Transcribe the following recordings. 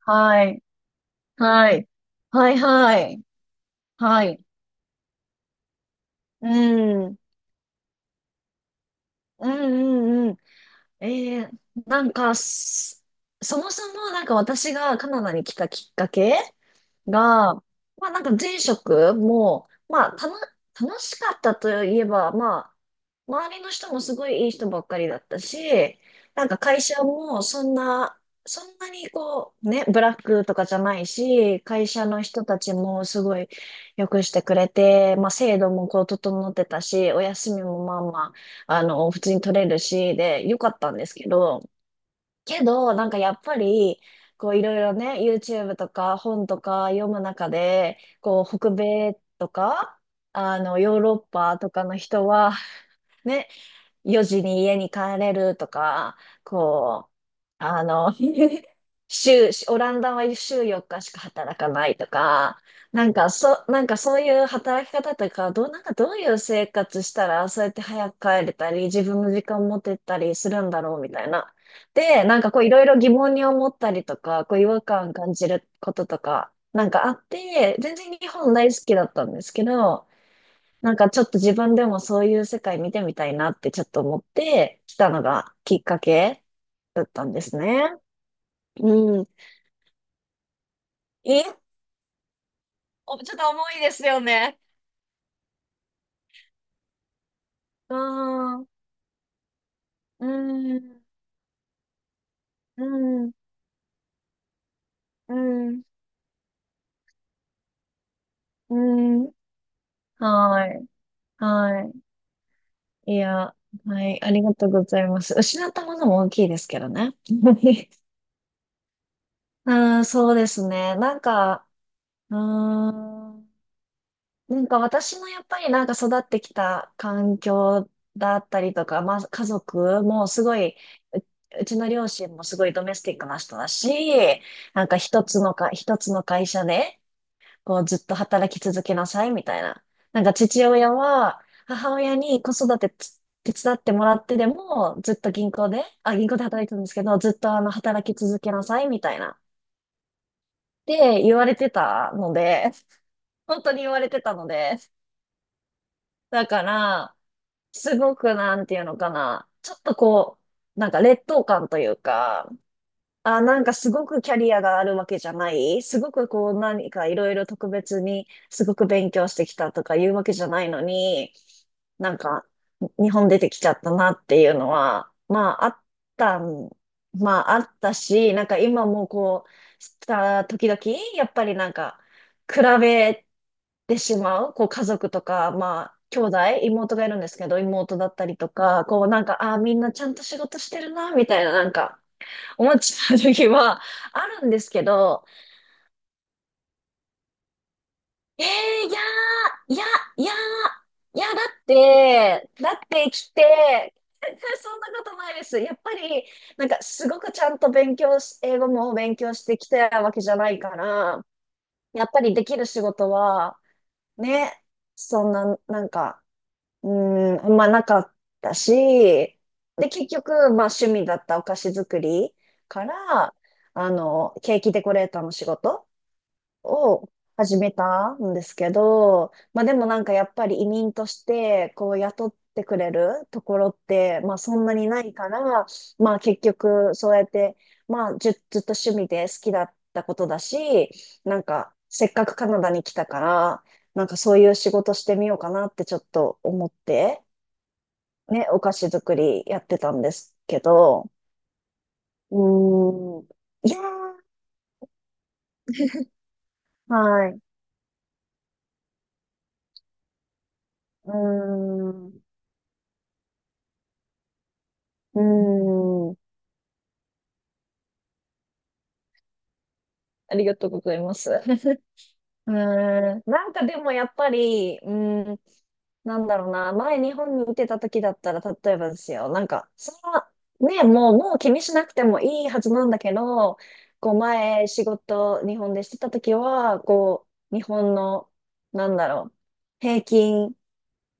はい。はい。はい、はい。はい。うん。うん、うんえー、なんかす、そもそも私がカナダに来たきっかけが、まあ前職も、まあたの、楽しかったといえば、まあ、周りの人もすごいいい人ばっかりだったし、なんか会社もそんな、そんなにこう、ね、ブラックとかじゃないし、会社の人たちもすごい良くしてくれて、まあ制度もこう整ってたし、お休みもまあまあの、普通に取れるし、で、良かったんですけど、けど、なんかやっぱり、こういろいろね、YouTube とか本とか読む中で、こう北米とか、あの、ヨーロッパとかの人は、ね、4時に家に帰れるとか、こう、あの、オランダは週4日しか働かないとか、なんかそういう働き方とか、なんかどういう生活したら、そうやって早く帰れたり、自分の時間持てたりするんだろうみたいな。で、なんかこういろいろ疑問に思ったりとか、こう違和感感じることとか、なんかあって、全然日本大好きだったんですけど、なんかちょっと自分でもそういう世界見てみたいなってちょっと思って来たのがきっかけだったんですね。うん。え、お、ちょっと重いですよね。うん、うん、うん、うん、うん。はい、はい。いや、はい、ありがとうございます。失ったものも大きいですけどね。うん、そうですね。なんか、うん。なんか私もやっぱりなんか育ってきた環境だったりとか、まあ家族もすごい、ううちの両親もすごいドメスティックな人だし、なんか一つの会社でこうずっと働き続けなさいみたいな。なんか父親は母親に子育て手伝ってもらってでもずっと銀行で、あ、銀行で働いてたんですけど、ずっとあの働き続けなさいみたいなって言われてたので、本当に言われてたので、だから、すごくなんていうのかな。ちょっとこう、なんか劣等感というか、あ、なんかすごくキャリアがあるわけじゃないすごくこう何かいろいろ特別にすごく勉強してきたとかいうわけじゃないのに、なんか日本出てきちゃったなっていうのは、まああったん、まああったし、なんか今もこう、時々、やっぱりなんか比べてしまう、こう家族とか、まあ兄弟、妹がいるんですけど、妹だったりとか、こうなんか、ああ、みんなちゃんと仕事してるな、みたいななんか、思っちゃう時はあるんですけど、えー、いやー、いや、だって、来て、絶対そんなことないです。やっぱり、なんかすごくちゃんと勉強し、英語も勉強してきたわけじゃないから、やっぱりできる仕事は、ね、そんな、なんか、うーん、あんまなかったし、で、結局、まあ趣味だったお菓子作りから、あの、ケーキデコレーターの仕事を始めたんですけど、まあでもなんかやっぱり移民としてこう雇ってくれるところってまあそんなにないから、まあ結局そうやってまあずっと趣味で好きだったことだし、なんかせっかくカナダに来たから、なんかそういう仕事してみようかなってちょっと思って、ね、お菓子作りやってたんですけど、うーん、いやー、はい、うーん、うーん、ありがとうございます。うーん。なんかでもやっぱり、うーん、なんだろうな。前日本にいてた時だったら、例えばですよ。なんか、その、ね、もう、もう気にしなくてもいいはずなんだけど、こう前仕事日本でしてた時は、こう、日本の、なんだろう、平均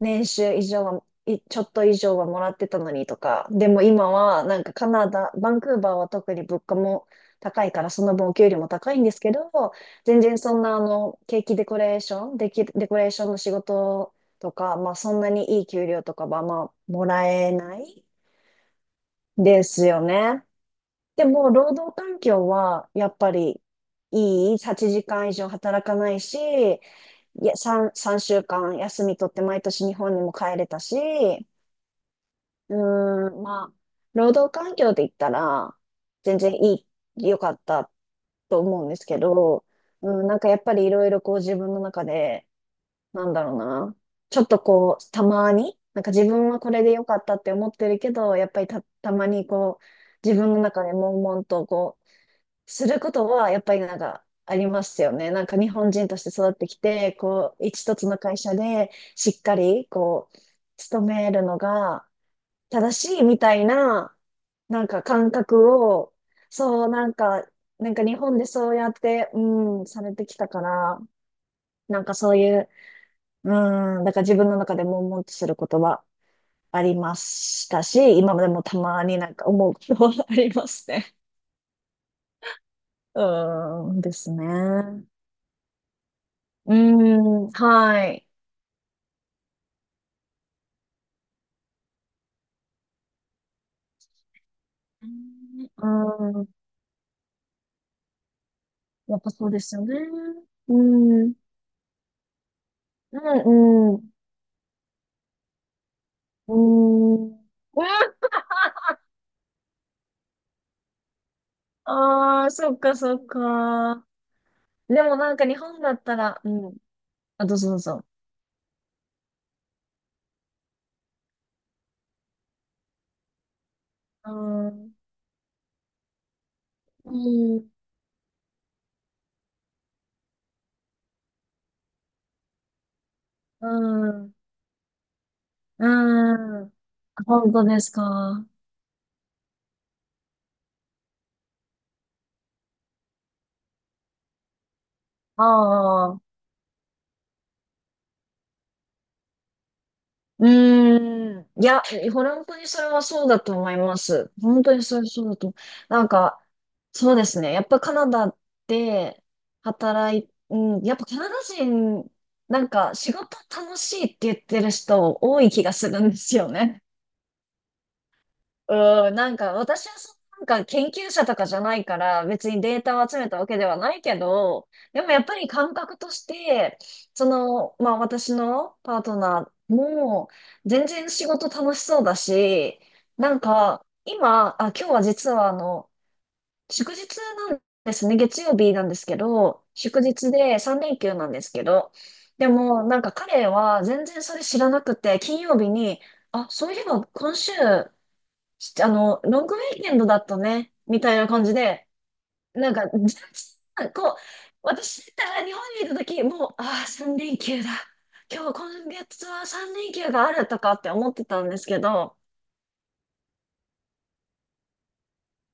年収以上は、ちょっと以上はもらってたのにとか、でも今はなんかカナダ、バンクーバーは特に物価も高いからその分お給料も高いんですけど、全然そんなあのケーキデコレーション、デキデコレーションの仕事とか、まあそんなにいい給料とかはまあもらえないですよね。でも労働環境はやっぱりいい、8時間以上働かないし、いや、3週間休み取って毎年日本にも帰れたし、うーん、まあ、労働環境で言ったら、全然いい、良かったと思うんですけど、うん、なんかやっぱりいろいろこう自分の中で、なんだろうな、ちょっとこう、たまに、なんか自分はこれで良かったって思ってるけど、やっぱりたまにこう、自分の中で悶々とこう、することは、やっぱりなんか、ありますよね。なんか日本人として育ってきて、こう、一つの会社でしっかり、こう、勤めるのが、正しいみたいな、なんか感覚を、そう、なんか、なんか日本でそうやって、うん、されてきたから、なんかそういう、うん、だから自分の中で悶々とすることはありましたし、今までもたまになんか思うことはありますね。うん、ですね。うん、はい。うんうん、やっぱそうですよね。うん、うん、うん、うん。うんああ、そっかそっか。でもなんか日本だったら、うん。あ、どうぞどうぞ。うん。うん。うん。うん。本当ですか。ああ。うーん。いや、本当にそれはそうだと思います。本当にそれそうだと。なんか、そうですね。やっぱカナダで働い、うん。やっぱカナダ人、なんか仕事楽しいって言ってる人多い気がするんですよね。うん、なんか私はそのなんか研究者とかじゃないから別にデータを集めたわけではないけど、でもやっぱり感覚として、その、まあ私のパートナーも全然仕事楽しそうだし、なんか今、あ、今日は実はあの、祝日なんですね。月曜日なんですけど、祝日で3連休なんですけど、でもなんか彼は全然それ知らなくて、金曜日に、あ、そういえば今週あの、ロングウィーケンドだったね、みたいな感じで、なんか、全然こう、私だったら日本にいた時、もう、ああ、3連休だ。今日、今月は3連休があるとかって思ってたんですけど、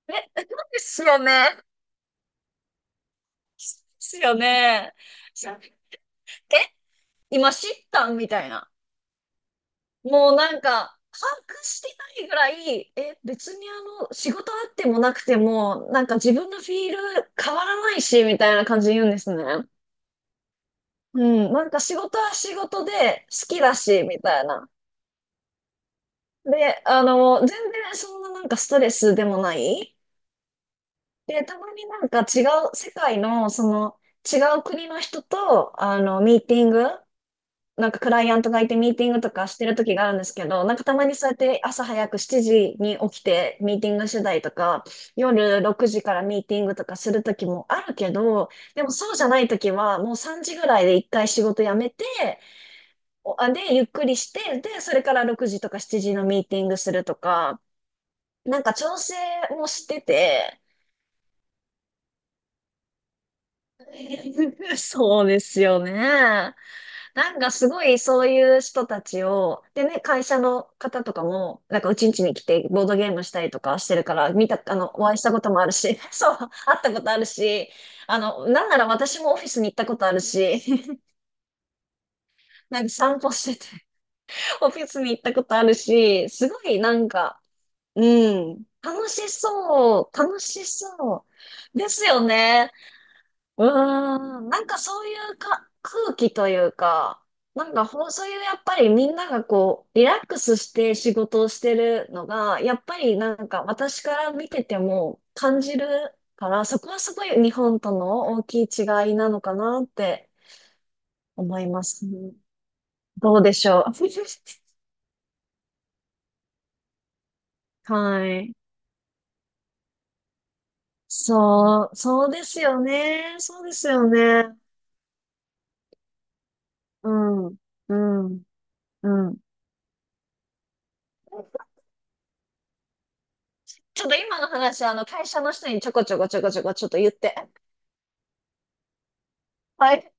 え、ですよね。ですよね。さえ、今知ったんみたいな。もうなんか、把握してないぐらい、え、別にあの、仕事あってもなくても、なんか自分のフィール変わらないし、みたいな感じで言うんですね。うん、なんか仕事は仕事で好きだし、みたいな。で、あの、全然そんななんかストレスでもない。で、たまになんか違う、世界のその違う国の人と、あの、ミーティング、なんかクライアントがいてミーティングとかしてる時があるんですけど、なんかたまにそうやって朝早く7時に起きてミーティングしてたりとか、夜6時からミーティングとかする時もあるけど、でもそうじゃない時はもう3時ぐらいで一回仕事辞めて、で、ゆっくりして、で、それから6時とか7時のミーティングするとか、なんか調整もしてて、そうですよね。なんかすごいそういう人たちを、でね、会社の方とかも、なんかうちんちに来てボードゲームしたりとかしてるから、あの、お会いしたこともあるし、そう、会ったことあるし、あの、なんなら私もオフィスに行ったことあるし、なんか散歩してて、オフィスに行ったことあるし、すごいなんか、うん。楽しそう。楽しそう。ですよね。うーん。なんかそういうか、空気というか、なんかほん、そういうやっぱりみんながこう、リラックスして仕事をしてるのが、やっぱりなんか私から見てても感じるから、そこはすごい日本との大きい違いなのかなって思いますね。どうでしょう。はい。そう、そうですよね。そうですよね。うん、うん、うん。ちょっと今の話、あの、会社の人にちょこちょこちょこちょこちょっと言って。はい。